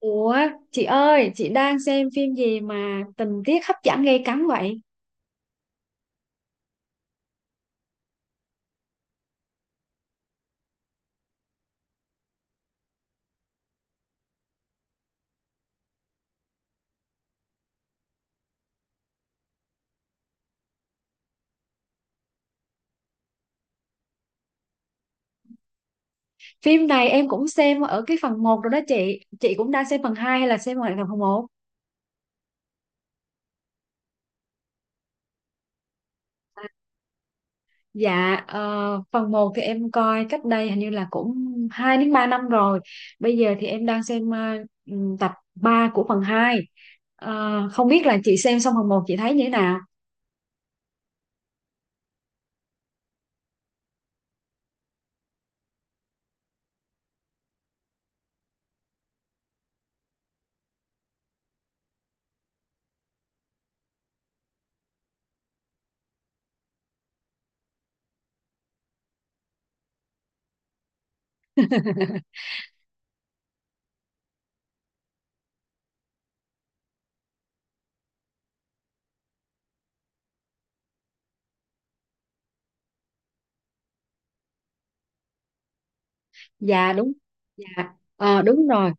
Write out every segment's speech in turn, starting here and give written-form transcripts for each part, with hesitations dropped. Ủa, chị ơi, chị đang xem phim gì mà tình tiết hấp dẫn gay cấn vậy? Phim này em cũng xem ở cái phần một rồi đó chị. Chị cũng đang xem phần 2 hay là xem lại phần một? Dạ, phần một thì em coi cách đây hình như là cũng 2 đến 3 năm rồi. Bây giờ thì em đang xem tập 3 của phần 2. Không biết là chị xem xong phần một chị thấy như thế nào? Dạ, đúng. Dạ. Ờ, đúng rồi.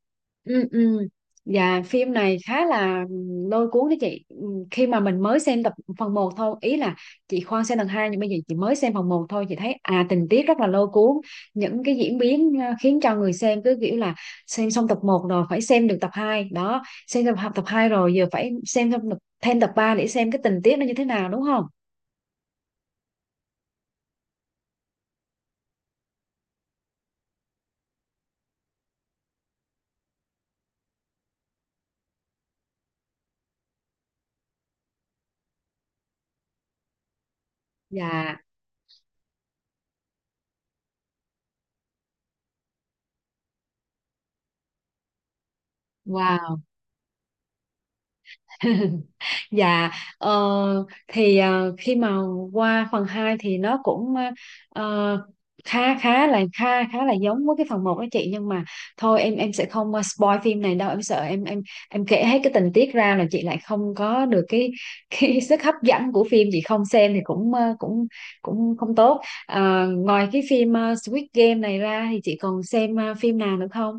Ừ, ừ, dạ, phim này khá là lôi cuốn đấy chị. Ừ, khi mà mình mới xem tập phần một thôi ý là chị khoan xem lần hai, nhưng bây giờ chị mới xem phần một thôi chị thấy à tình tiết rất là lôi cuốn, những cái diễn biến à, khiến cho người xem cứ kiểu là xem xong tập một rồi phải xem được tập 2 đó, xem tập tập 2 rồi giờ phải xem thêm tập 3 để xem cái tình tiết nó như thế nào đúng không. Dạ. Wow. Dạ. ờ, thì ờ, khi mà qua phần 2 thì nó cũng ờ, khá khá là giống với cái phần một đó chị, nhưng mà thôi em sẽ không spoil phim này đâu, em sợ em kể hết cái tình tiết ra là chị lại không có được cái sức hấp dẫn của phim, chị không xem thì cũng cũng cũng không tốt. Ờ, ngoài cái phim Squid Game này ra thì chị còn xem phim nào nữa không?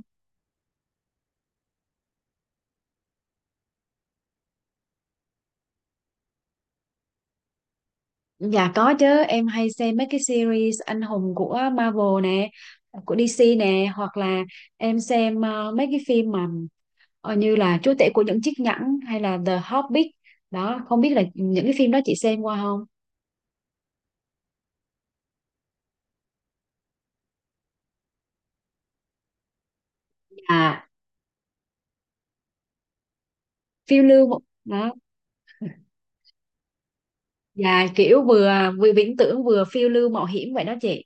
Dạ có chứ, em hay xem mấy cái series anh hùng của Marvel nè, của DC nè, hoặc là em xem mấy cái phim mà như là Chúa tể của những chiếc nhẫn hay là The Hobbit. Đó, không biết là những cái phim đó chị xem qua không? À, phiêu lưu mộ- đó. Dạ kiểu vừa vừa viễn tưởng vừa phiêu lưu mạo hiểm vậy đó chị.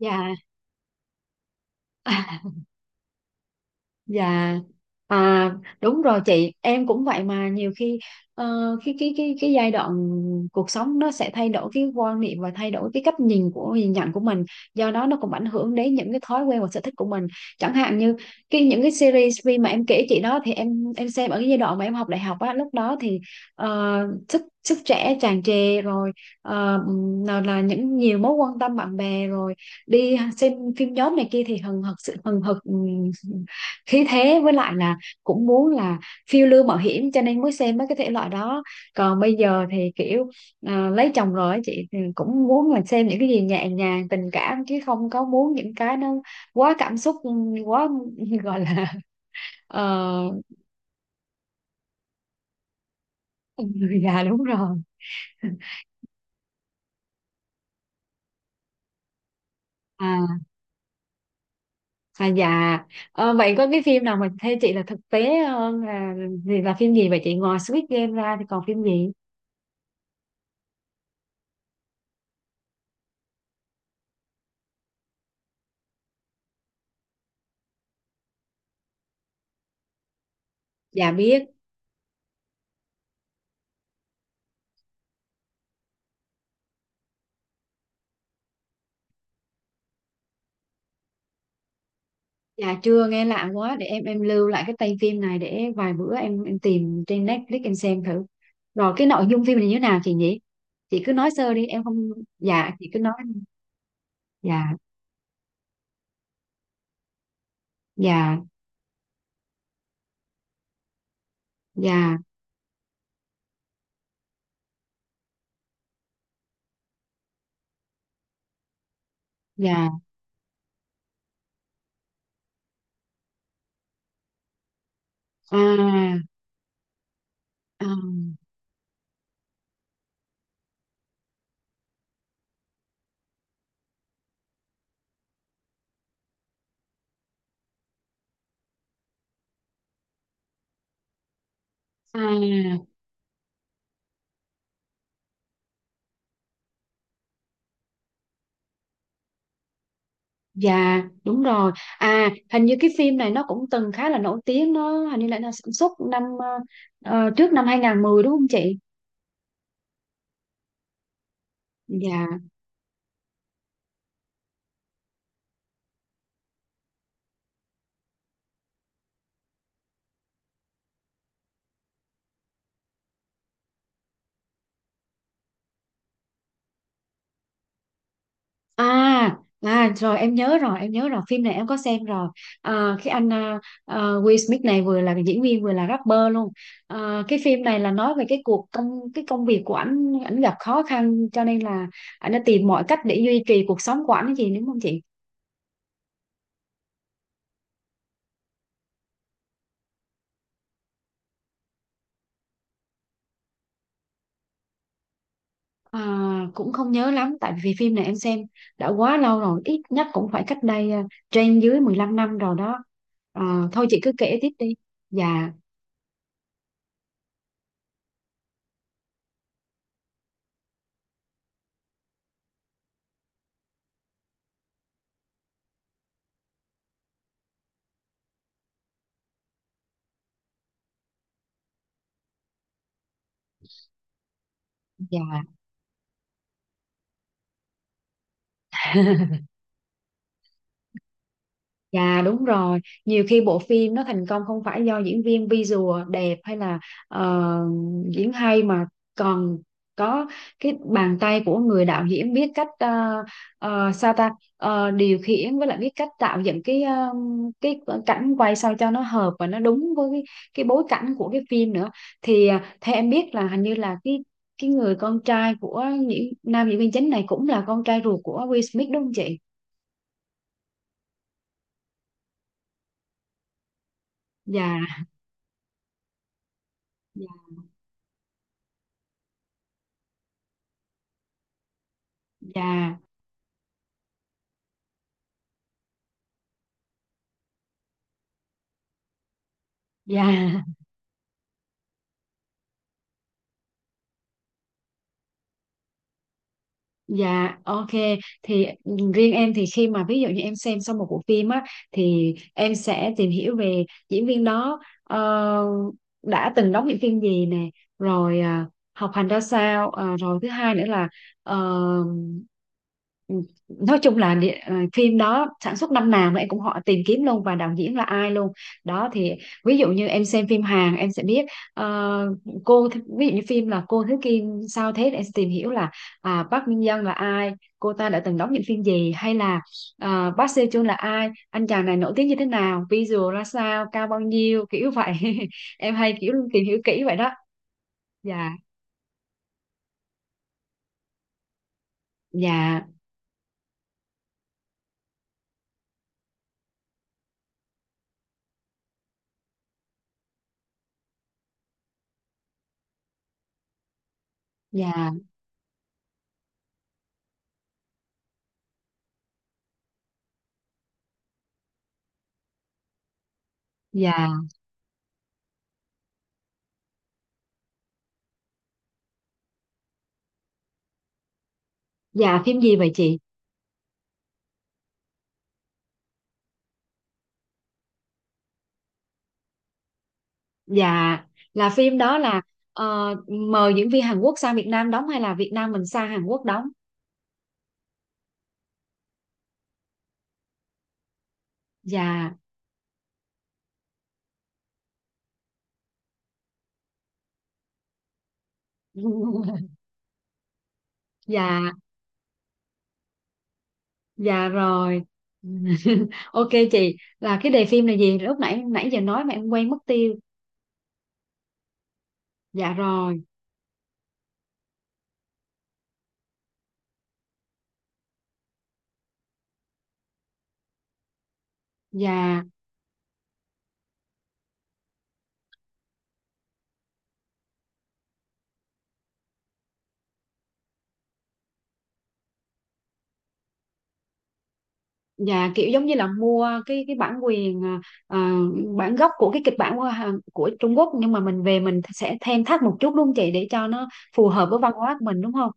Dạ. Dạ. À, đúng rồi chị, em cũng vậy, mà nhiều khi ờ, cái giai đoạn cuộc sống nó sẽ thay đổi cái quan niệm và thay đổi cái cách nhìn của nhìn nhận của mình, do đó nó cũng ảnh hưởng đến những cái thói quen và sở thích của mình. Chẳng hạn như cái những cái series phim mà em kể chị đó thì em xem ở cái giai đoạn mà em học đại học á, lúc đó thì ờ, sức sức trẻ tràn trề rồi, ờ, nào là những nhiều mối quan tâm bạn bè rồi đi xem phim nhóm này kia thì hừng hực sự hừng hực khí thế với lại là cũng muốn là phiêu lưu mạo hiểm, cho nên mới xem mấy cái thể loại đó. Còn bây giờ thì kiểu à, lấy chồng rồi á chị, thì cũng muốn là xem những cái gì nhẹ nhàng tình cảm chứ không có muốn những cái nó quá cảm xúc, quá gọi là ờ, người già, đúng rồi. À, à dạ. Ờ, vậy có cái phim nào mà theo chị là thực tế là thì là phim gì vậy chị, ngoài Squid Game ra thì còn phim gì? Dạ biết. Dạ chưa nghe, lạ quá, để em lưu lại cái tay phim này để vài bữa em tìm trên Netflix em xem thử. Rồi cái nội dung phim này như thế nào chị nhỉ? Chị cứ nói sơ đi em không. Dạ chị cứ nói. Dạ. Dạ. Dạ. Dạ. À. À. À. Dạ đúng rồi. À hình như cái phim này nó cũng từng khá là nổi tiếng, nó hình như là nó sản xuất năm trước năm 2010 đúng không chị? Dạ. À, à rồi em nhớ rồi, em nhớ rồi, phim này em có xem rồi. À, cái anh à, à, Will Smith này vừa là diễn viên vừa là rapper luôn. À, cái phim này là nói về cái cuộc công cái công việc của ảnh, ảnh gặp khó khăn cho nên là ảnh đã tìm mọi cách để duy trì cuộc sống của ảnh gì, đúng không chị? À, cũng không nhớ lắm tại vì phim này em xem đã quá lâu rồi, ít nhất cũng phải cách đây trên dưới 15 năm rồi đó. À, thôi chị cứ kể tiếp đi. Dạ. Dạ. Dạ đúng rồi, nhiều khi bộ phim nó thành công không phải do diễn viên visual đẹp hay là ờ, diễn hay, mà còn có cái bàn tay của người đạo diễn biết cách sao ta. Ờ, điều khiển với lại biết cách tạo dựng cái cái cảnh quay sao cho nó hợp và nó đúng với cái bối cảnh của cái phim nữa. Thì theo em biết là hình như là cái người con trai của những nam diễn viên chính này cũng là con trai ruột của Will Smith, đúng không chị? Dạ, dạ, dạ. Dạ. Dạ, ok. Thì riêng em thì khi mà ví dụ như em xem xong một bộ phim á thì em sẽ tìm hiểu về diễn viên đó đã từng đóng những phim gì nè, rồi học hành ra sao, rồi thứ hai nữa là ờ, nói chung là phim đó sản xuất năm nào mà em cũng họ tìm kiếm luôn, và đạo diễn là ai luôn. Đó thì ví dụ như em xem phim Hàn em sẽ biết ờ, ví dụ như phim là cô Thứ Kim sao thế, để em sẽ tìm hiểu là à, Park Min Young là ai, cô ta đã từng đóng những phim gì, hay là à, Park Seo Joon là ai, anh chàng này nổi tiếng như thế nào, visual ra sao, cao bao nhiêu, kiểu vậy. Em hay kiểu tìm hiểu kỹ vậy đó. Dạ. Dạ. Dạ. Dạ. Dạ phim gì vậy chị? Dạ là phim đó là mời diễn viên Hàn Quốc sang Việt Nam đóng hay là Việt Nam mình sang Hàn Quốc đóng? Dạ. Dạ. Dạ rồi. Ok chị, là cái đề phim là gì lúc nãy, nãy giờ nói mà em quên mất tiêu. Dạ rồi. Dạ. Dạ kiểu giống như là mua cái bản quyền à, bản gốc của cái kịch bản của của Trung Quốc, nhưng mà mình về mình sẽ thêm thắt một chút đúng không chị, để cho nó phù hợp với văn hóa của mình, đúng không?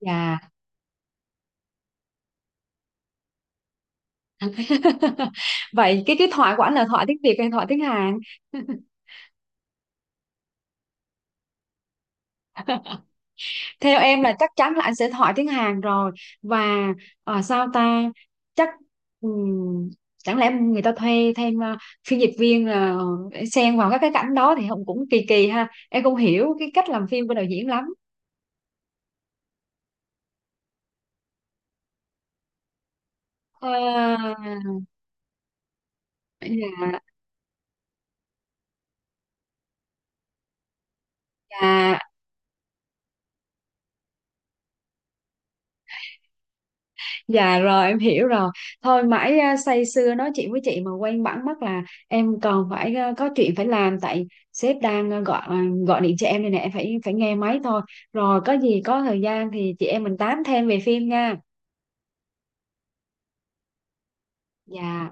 Dạ. Vậy cái thoại của anh là thoại tiếng Việt hay thoại tiếng Hàn? Theo em là chắc chắn là anh sẽ hỏi tiếng Hàn rồi. Và sao ta, chắc ừm, chẳng lẽ người ta thuê thêm phiên dịch viên là để xen vào các cái cảnh đó, thì không cũng kỳ kỳ ha, em không hiểu cái cách làm phim của đạo diễn lắm. Ờ, dạ. Dạ rồi em hiểu rồi. Thôi mãi say sưa nói chuyện với chị mà quên bẵng mất là em còn phải có chuyện phải làm. Tại sếp đang gọi gọi điện cho em đây nè, em phải phải nghe máy thôi. Rồi có gì có thời gian thì chị em mình tám thêm về phim nha. Dạ.